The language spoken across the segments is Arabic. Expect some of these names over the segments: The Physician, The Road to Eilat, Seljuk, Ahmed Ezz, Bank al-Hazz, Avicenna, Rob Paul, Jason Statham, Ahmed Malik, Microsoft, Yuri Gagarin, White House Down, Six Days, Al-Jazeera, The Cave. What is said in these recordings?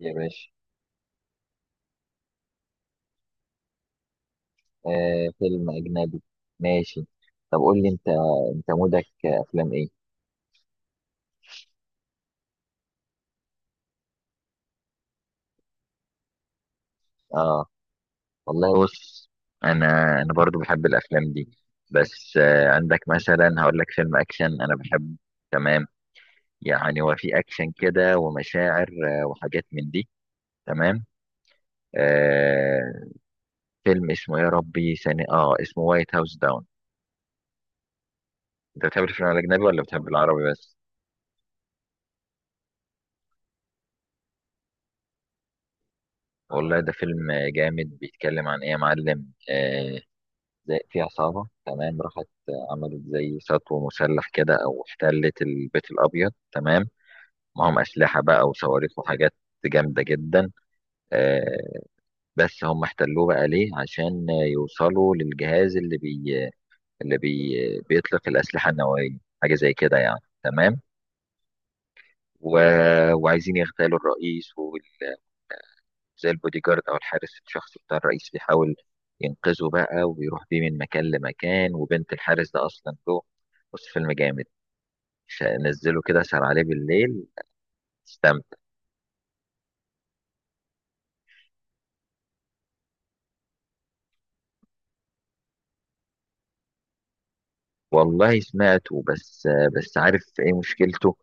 يا باشا. آه، فيلم أجنبي. ماشي. طب قول لي أنت مودك أفلام إيه؟ آه والله، بص، أنا أنا برضو بحب الأفلام دي. بس عندك مثلا، هقول لك فيلم أكشن أنا بحبه، تمام؟ يعني هو في أكشن كده ومشاعر، وحاجات من دي، تمام. آه، فيلم اسمه يا ربي ثاني، اسمه وايت هاوس داون. أنت بتحب الفيلم الأجنبي ولا بتحب العربي بس؟ والله ده فيلم جامد. بيتكلم عن إيه يا معلم؟ زي في عصابة، تمام، راحت عملت زي سطو مسلح كده، أو احتلت البيت الأبيض، تمام. معهم أسلحة بقى وصواريخ وحاجات جامدة جدا. آه، بس هم احتلوه بقى ليه؟ عشان يوصلوا للجهاز اللي بيطلق الأسلحة النووية، حاجة زي كده يعني، تمام. و... وعايزين يغتالوا الرئيس، وزي البودي جارد أو الحارس الشخصي بتاع الرئيس بيحاول ينقذه بقى، ويروح بيه من مكان لمكان، وبنت الحارس ده أصلا له. بص، فيلم جامد. نزله كده، سهر عليه بالليل، تستمتع. والله سمعته، بس عارف ايه مشكلته؟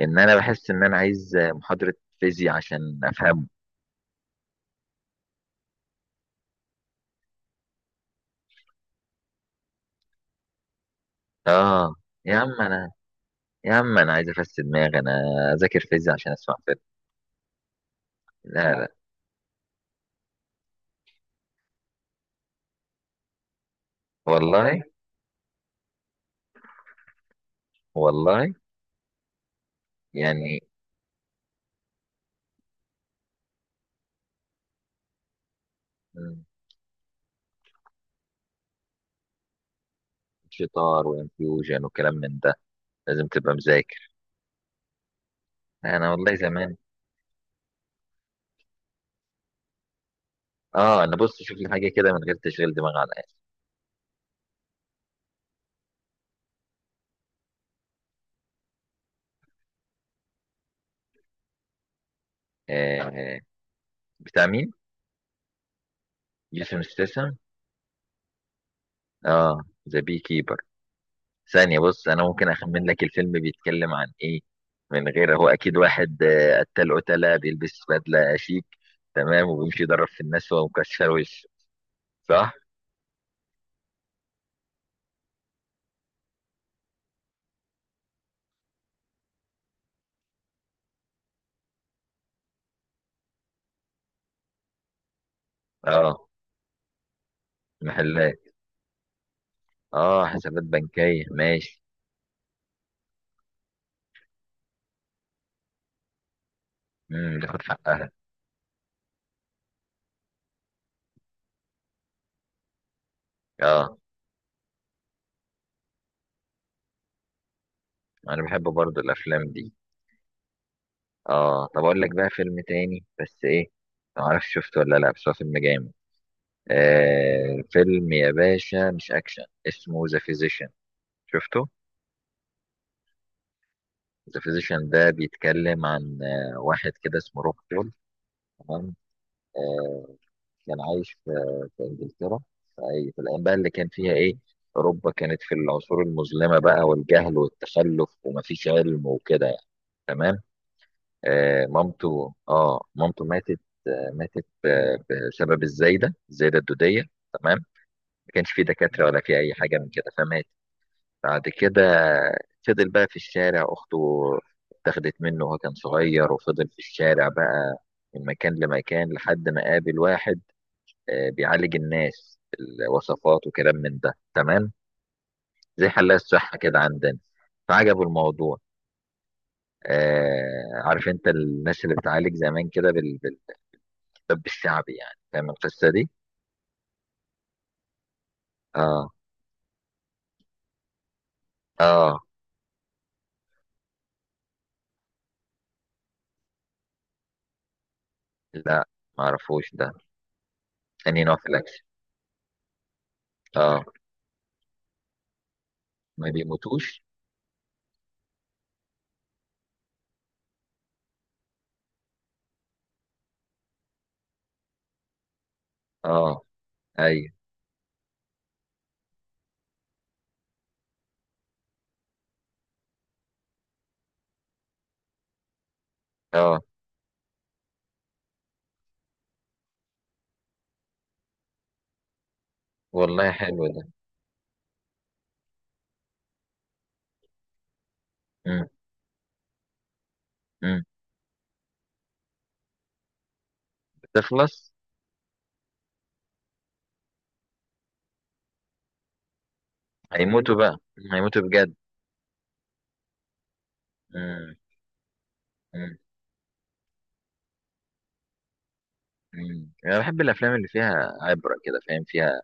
ان انا بحس ان انا عايز محاضرة فيزياء عشان افهمه. اه، يا عم انا، يا عم انا عايز افسد دماغي، انا اذاكر فيزياء عشان اسمع فيلم؟ لا لا. والله، والله. يعني، مم، شطار وانفيوجن وكلام من ده، لازم تبقى مذاكر. انا والله زمان. اه، انا، بص شوف لي حاجه كده من غير تشغيل دماغ على الاخر. آه آه، بتاع مين؟ جيسون ستاثام. اه، ذا بي كيبر. ثانية، بص انا ممكن اخمن لك الفيلم بيتكلم عن ايه من غير. هو اكيد واحد، قتال، قتلة، بيلبس بدلة شيك، تمام، وبيمشي يضرب في الناس وهو مكشر وشه، صح؟ اه، محلات. اه، حسابات بنكية، ماشي. تاخد حقها. اه، انا بحب برضو الافلام دي. اه، طب اقول لك بقى فيلم تاني، بس ايه، ما اعرفش شفته ولا لا، بس هو فيلم جامد. آه، فيلم يا باشا، مش اكشن، اسمه ذا فيزيشن. شفته؟ ذا فيزيشن ده بيتكلم عن، واحد كده اسمه روب بول، تمام. آه، كان عايش في، انجلترا، في في الايام بقى اللي كان فيها ايه، اوروبا كانت في العصور المظلمه بقى، والجهل والتخلف، ومفيش علم وكده، يعني، تمام. آه، مامته، مامته ماتت، آه، ماتت، آه، بسبب الزايده الدوديه، تمام. ما كانش في دكاتره ولا في اي حاجه من كده، فماتت. بعد كده فضل بقى في الشارع. أخته اتاخدت منه وهو كان صغير، وفضل في الشارع بقى من مكان لمكان لحد ما قابل واحد، بيعالج الناس، الوصفات وكلام من ده، تمام. زي حلاق الصحة كده عندنا. فعجبه الموضوع. آه، عارف انت الناس اللي بتعالج زمان كده بالطب الشعبي، يعني، فاهم القصة دي؟ اه اه. لا، معرفوش ده. اني نوع في الأكشن؟ اه. ما بيموتوش؟ اه، ايوه. اه. والله حلو ده. مم. مم. تخلص. هيموتوا بقى، هيموتوا بجد. مم. مم. مم. انا بحب الافلام اللي فيها عبره كده، فاهم؟ فيها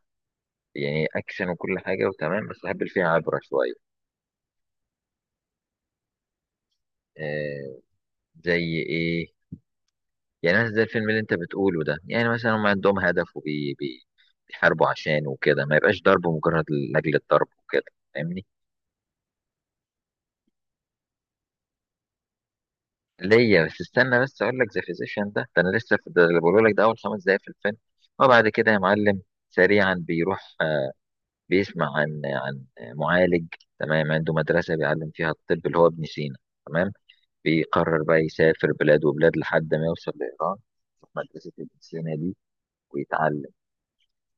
يعني اكشن وكل حاجه، وتمام، بس بحب اللي فيها عبره شويه. آه، زي ايه؟ يعني مثلا زي الفيلم اللي انت بتقوله ده. يعني مثلا هم عندهم هدف، وبي بي بيحاربوا عشانه وكده، ما يبقاش ضرب مجرد لاجل الضرب وكده، فاهمني؟ ليا، بس استنى، بس اقول لك ذا فيزيشن ده انا لسه في ده اللي بقوله لك، ده اول خمس دقايق في الفيلم. وبعد كده يا معلم، سريعا بيروح، بيسمع عن، معالج، تمام، عنده مدرسه بيعلم فيها الطب، اللي هو ابن سينا، تمام. بيقرر بقى يسافر بلاد وبلاد لحد ما يوصل لايران، في مدرسه ابن سينا دي، ويتعلم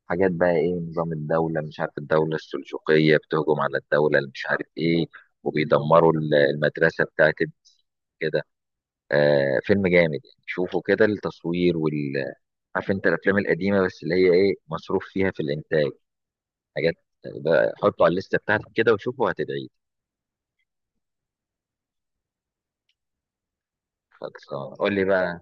حاجات بقى، ايه، نظام الدوله، مش عارف، الدوله السلجوقيه بتهجم على الدوله اللي مش عارف ايه، وبيدمروا المدرسه بتاعت ابن، كده. آه، فيلم جامد يعني، شوفوا كده التصوير وال. عارف انت الافلام القديمه بس اللي هي ايه، مصروف فيها في الانتاج، حاجات بقى. حطوا على الليسته بتاعتك كده، وشوفوا هتدعي. خلصان، قول لي بقى.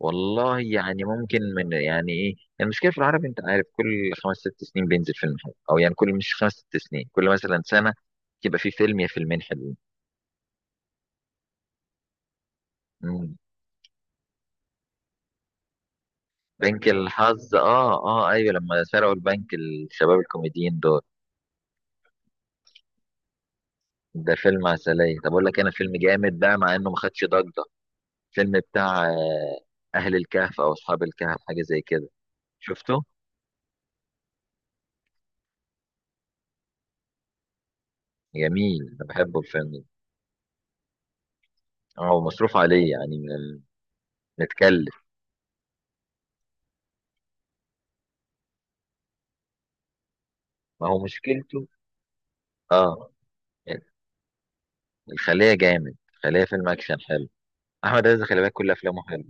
والله يعني، ممكن من، يعني ايه، يعني، المشكله في العربي، انت عارف، كل خمس ست سنين بينزل فيلم حلو، او يعني كل، مش خمس ست سنين، كل مثلا سنه يبقى في فيلم يا فيلمين حلوين. مم. بنك الحظ؟ اه اه، ايوه، لما سرقوا البنك الشباب الكوميديين دول، ده فيلم عسلية. طب أقول لك أنا فيلم جامد بقى، مع إنه ما خدش ضجة، فيلم بتاع، أهل الكهف، أو أصحاب الكهف، حاجة زي كده. شفته؟ جميل، أنا بحبه الفيلم ده. اه، هو مصروف عليه، يعني، متكلف. ما هو مشكلته. اه، الخلية جامد، الخلية فيلم أكشن حلو. أحمد عز خلي بالك، كل أفلامه حلوة.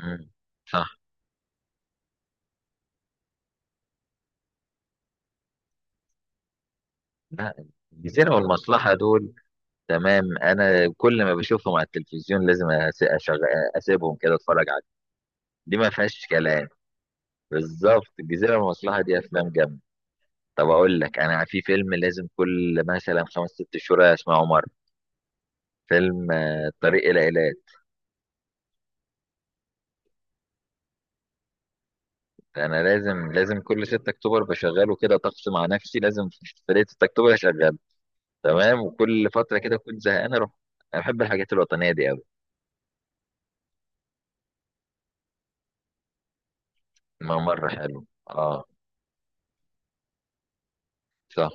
مم. صح. لا، الجزيرة والمصلحة دول، تمام، أنا كل ما بشوفهم على التلفزيون لازم أسيبهم كده أتفرج عليهم، دي ما فيهاش كلام. بالظبط، الجزيرة والمصلحة دي أفلام جامدة. طب أقول لك، أنا في فيلم لازم كل مثلا خمس ست شهور أسمعه مرة، فيلم، الطريق إلى إيلات. أنا لازم كل 6 أكتوبر بشغله، كده طقس مع نفسي، لازم في ليلة 6 أكتوبر أشغله، تمام، وكل فترة كده كنت زهقان أروح. أنا بحب الحاجات الوطنية دي أوي. ما مرة حلو، أه، صح.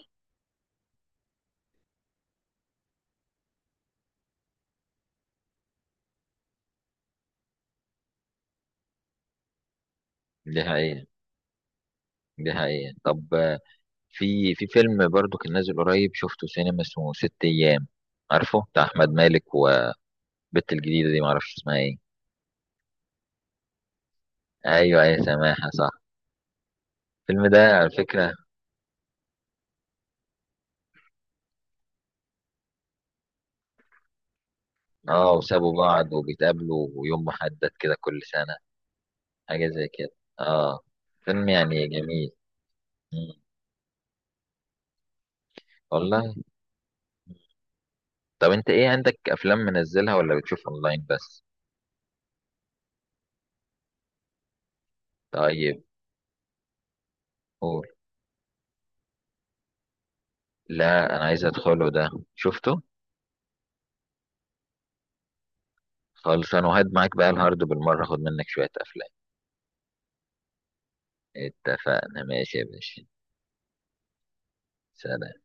دي حقيقة، دي حقيقة. طب، في فيلم برضو كان نازل قريب، شفته سينما، اسمه ست أيام، عارفه؟ بتاع أحمد مالك و، البت الجديدة دي معرفش اسمها ايه. ايوه، اي سماحة، صح. الفيلم ده على فكرة، اه، وسابوا بعض وبيتقابلوا يوم محدد كده كل سنة، حاجة زي كده. اه، فيلم يعني جميل. مم. والله. طب انت ايه، عندك افلام منزلها ولا بتشوف اونلاين بس؟ طيب، قول. لا، انا عايز ادخله ده، شفته؟ خلص، انا وهد معاك بقى الهارد بالمرة، خد منك شوية افلام. اتفقنا، ماشي يا باشا. سلام.